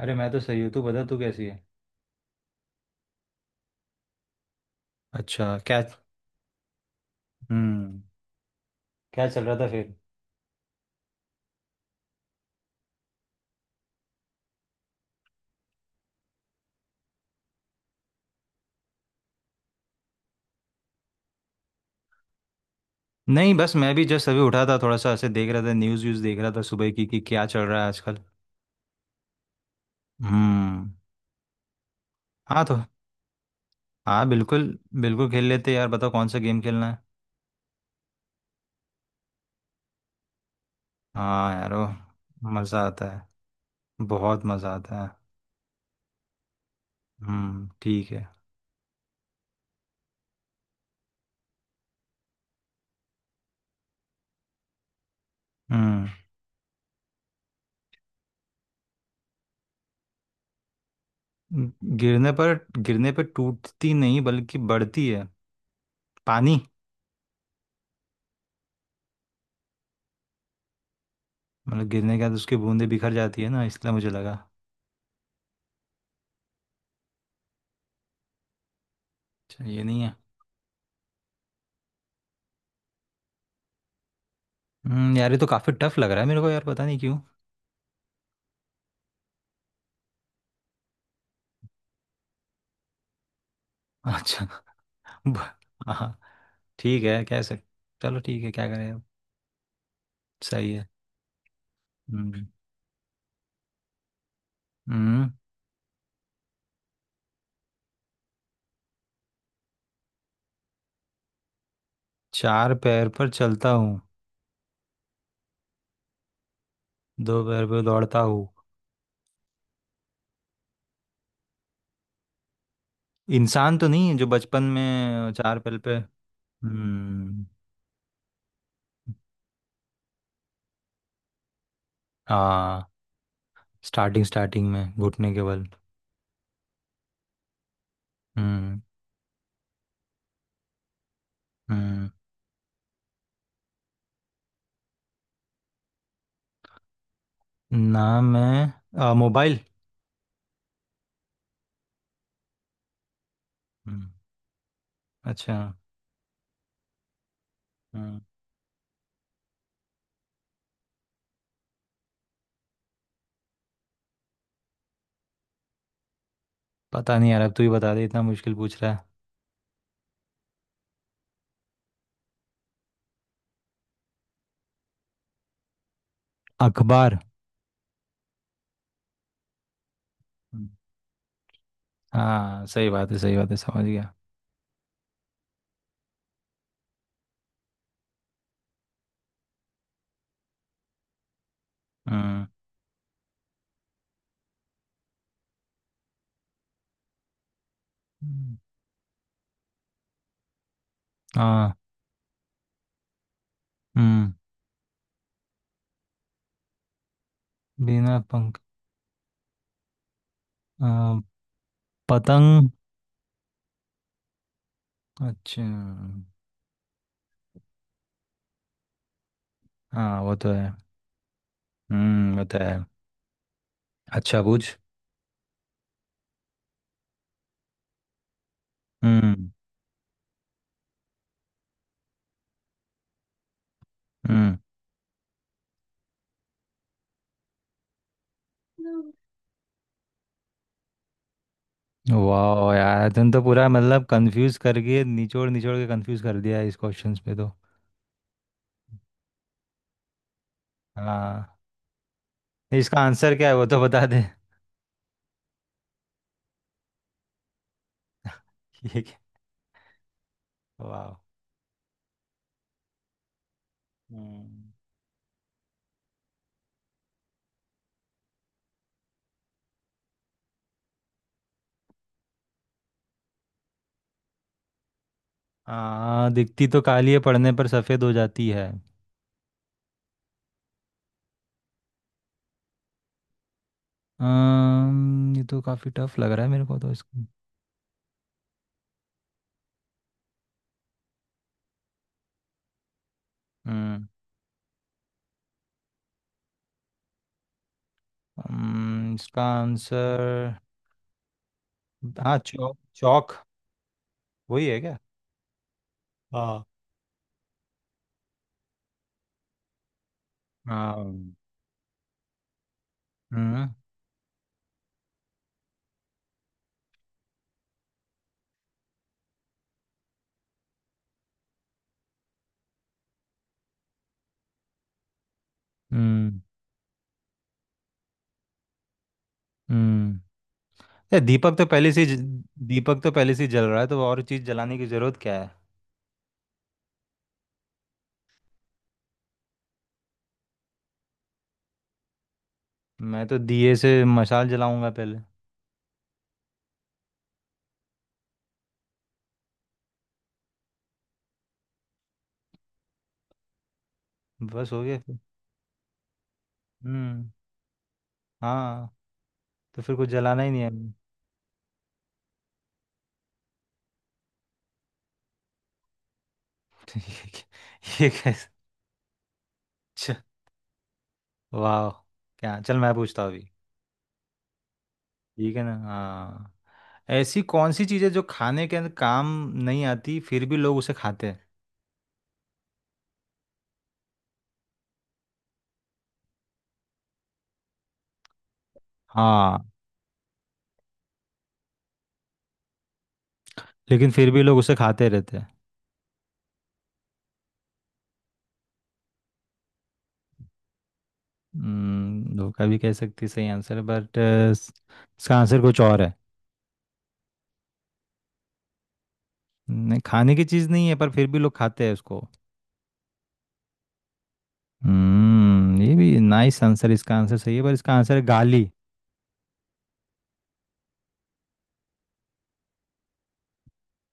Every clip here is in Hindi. अरे मैं तो सही हूँ। तू बता तू कैसी है। अच्छा क्या। हम्म। क्या चल रहा था फिर। नहीं, बस मैं भी जस्ट अभी उठा था, थोड़ा सा ऐसे देख रहा था, न्यूज़ व्यूज़ देख रहा था सुबह की कि क्या चल रहा है आजकल। हम्म। हाँ तो। हाँ, बिल्कुल बिल्कुल खेल लेते हैं यार। बताओ कौन सा गेम खेलना है। हाँ यार ओ, मज़ा आता है। बहुत मज़ा आता है। हम्म। ठीक है। हम्म। गिरने पर टूटती नहीं बल्कि बढ़ती है। पानी। मतलब गिरने के बाद उसकी बूंदें बिखर जाती है ना, इसलिए मुझे लगा। अच्छा, ये नहीं है। यार, ये तो काफी टफ लग रहा है मेरे को यार, पता नहीं क्यों। अच्छा। ब- हाँ। ठीक है, कह सक चलो ठीक है, क्या करें अब। सही है। हम्म। हम्म। चार पैर पर चलता हूँ, दो पैर पर दौड़ता हूँ। इंसान तो नहीं है जो बचपन में चार पैर पे। हम्म। हाँ। स्टार्टिंग स्टार्टिंग में घुटने के बल। हम्म। हम्म। नाम है मोबाइल। हम्म। अच्छा। हम्म। पता नहीं यार, अब तू ही बता दे, इतना मुश्किल पूछ रहा है। अखबार। हम्म। हाँ, सही बात है सही बात है, समझ गया। हम्म। हम्म। हाँ। हम्म बिना पंख आ, पतंग। अच्छा। हाँ, वो तो है। वो तो है। अच्छा, पूछ। हम्म। हम्म। वाह यार, तुम तो पूरा मतलब कंफ्यूज करके निचोड़ निचोड़ के कंफ्यूज कर दिया है इस क्वेश्चंस पे तो। हाँ। इसका आंसर क्या है वो तो बता दे। ये क्या। वाह। हम्म। हाँ, दिखती तो काली है, पढ़ने पर सफेद हो जाती है। ये तो काफ़ी टफ लग रहा है मेरे को तो इसको। हम्म। इसका आंसर। हाँ, चौक चौक, वही है क्या। हाँ हाँ। हम्म। हम्म। हम्म। ये दीपक तो पहले से दीपक तो पहले से ही जल रहा है तो और चीज़ जलाने की ज़रूरत क्या है। मैं तो दिए से मशाल जलाऊंगा पहले। बस हो गया फिर। हम्म। हाँ। तो फिर कुछ जलाना ही नहीं है हमें। ये कै- ये कैसे। वाह। क्या चल मैं पूछता हूँ अभी। ठीक है ना। हाँ। ऐसी कौन सी चीज़ है जो खाने के अंदर काम नहीं आती फिर भी लोग उसे खाते हैं। हाँ, लेकिन फिर भी लोग उसे खाते रहते हैं। धोखा भी कह सकती, सही आंसर है बट इसका आंसर कुछ और है। नहीं, खाने की चीज़ नहीं है पर फिर भी लोग खाते हैं उसको। ये भी नाइस आंसर, इसका आंसर सही है पर इसका आंसर है गाली।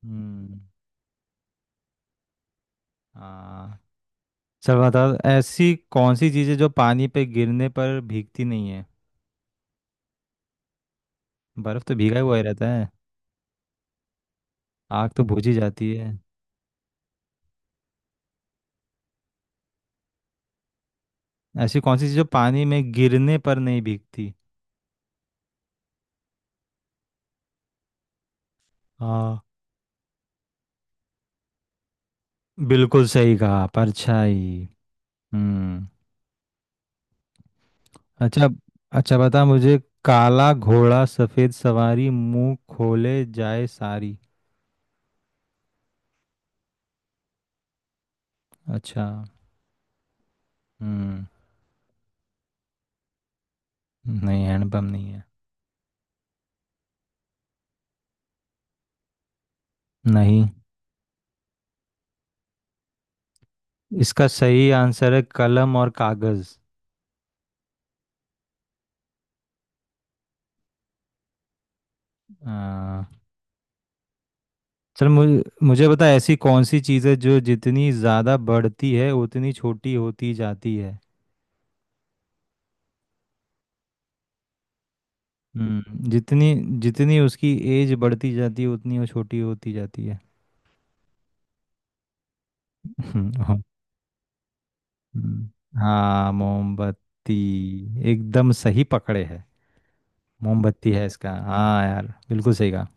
हम्म। हाँ चल, बताओ ऐसी कौन सी चीज़ है जो पानी पे गिरने पर भीगती नहीं है। बर्फ तो भीगा हुआ ही रहता है। आग तो बुझ ही जाती है। ऐसी कौन सी चीज जो पानी में गिरने पर नहीं भीगती। हाँ, बिल्कुल सही कहा, परछाई। हम्म। अच्छा। अच्छा, बता मुझे। काला घोड़ा सफेद सवारी, मुंह खोले जाए सारी। अच्छा। हम्म। नहीं, हैंडपम्प नहीं है। नहीं, इसका सही आंसर है कलम और कागज। आ, चल, मुझे मुझे बता ऐसी कौन सी चीज़ है जो जितनी ज़्यादा बढ़ती है उतनी छोटी होती जाती है। जितनी जितनी उसकी एज बढ़ती जाती है उतनी वो छोटी होती जाती है। हम्म। हाँ। हम्म। हाँ, मोमबत्ती। एकदम सही पकड़े है। मोमबत्ती है इसका, हाँ यार, बिल्कुल सही कहा।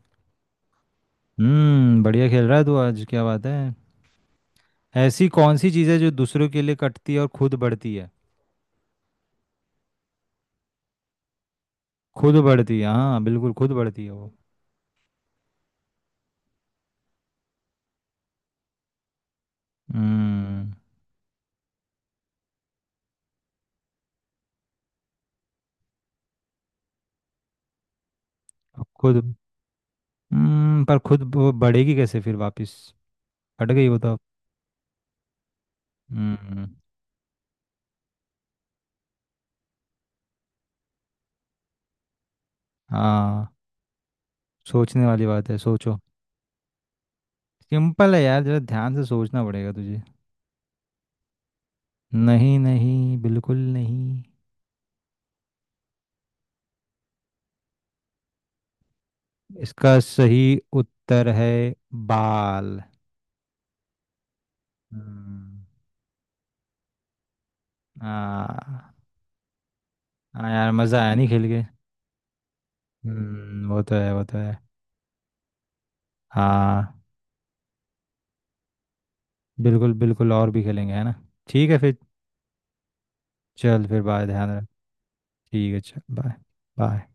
बढ़िया खेल रहा है तू आज, क्या बात है। ऐसी कौन सी चीज़ है जो दूसरों के लिए कटती है और खुद बढ़ती है। खुद बढ़ती है, हाँ बिल्कुल, खुद बढ़ती है वो। हम्म अब खुद। पर खुद वो बढ़ेगी कैसे फिर वापस। कट गई वो तो। हम्म। हाँ। सोचने वाली बात है, सोचो। सिंपल है यार, जरा ध्यान से सोचना पड़ेगा तुझे। नहीं नहीं, बिल्कुल नहीं। इसका सही उत्तर है, बाल। हम्म, हाँ हाँ यार, मज़ा आया नहीं खेल के। वो तो है वो तो है। हाँ बिल्कुल बिल्कुल, और भी खेलेंगे है ना। ठीक है फिर। चल फिर, बाय, ध्यान रख। ठीक है, चल, बाय बाय।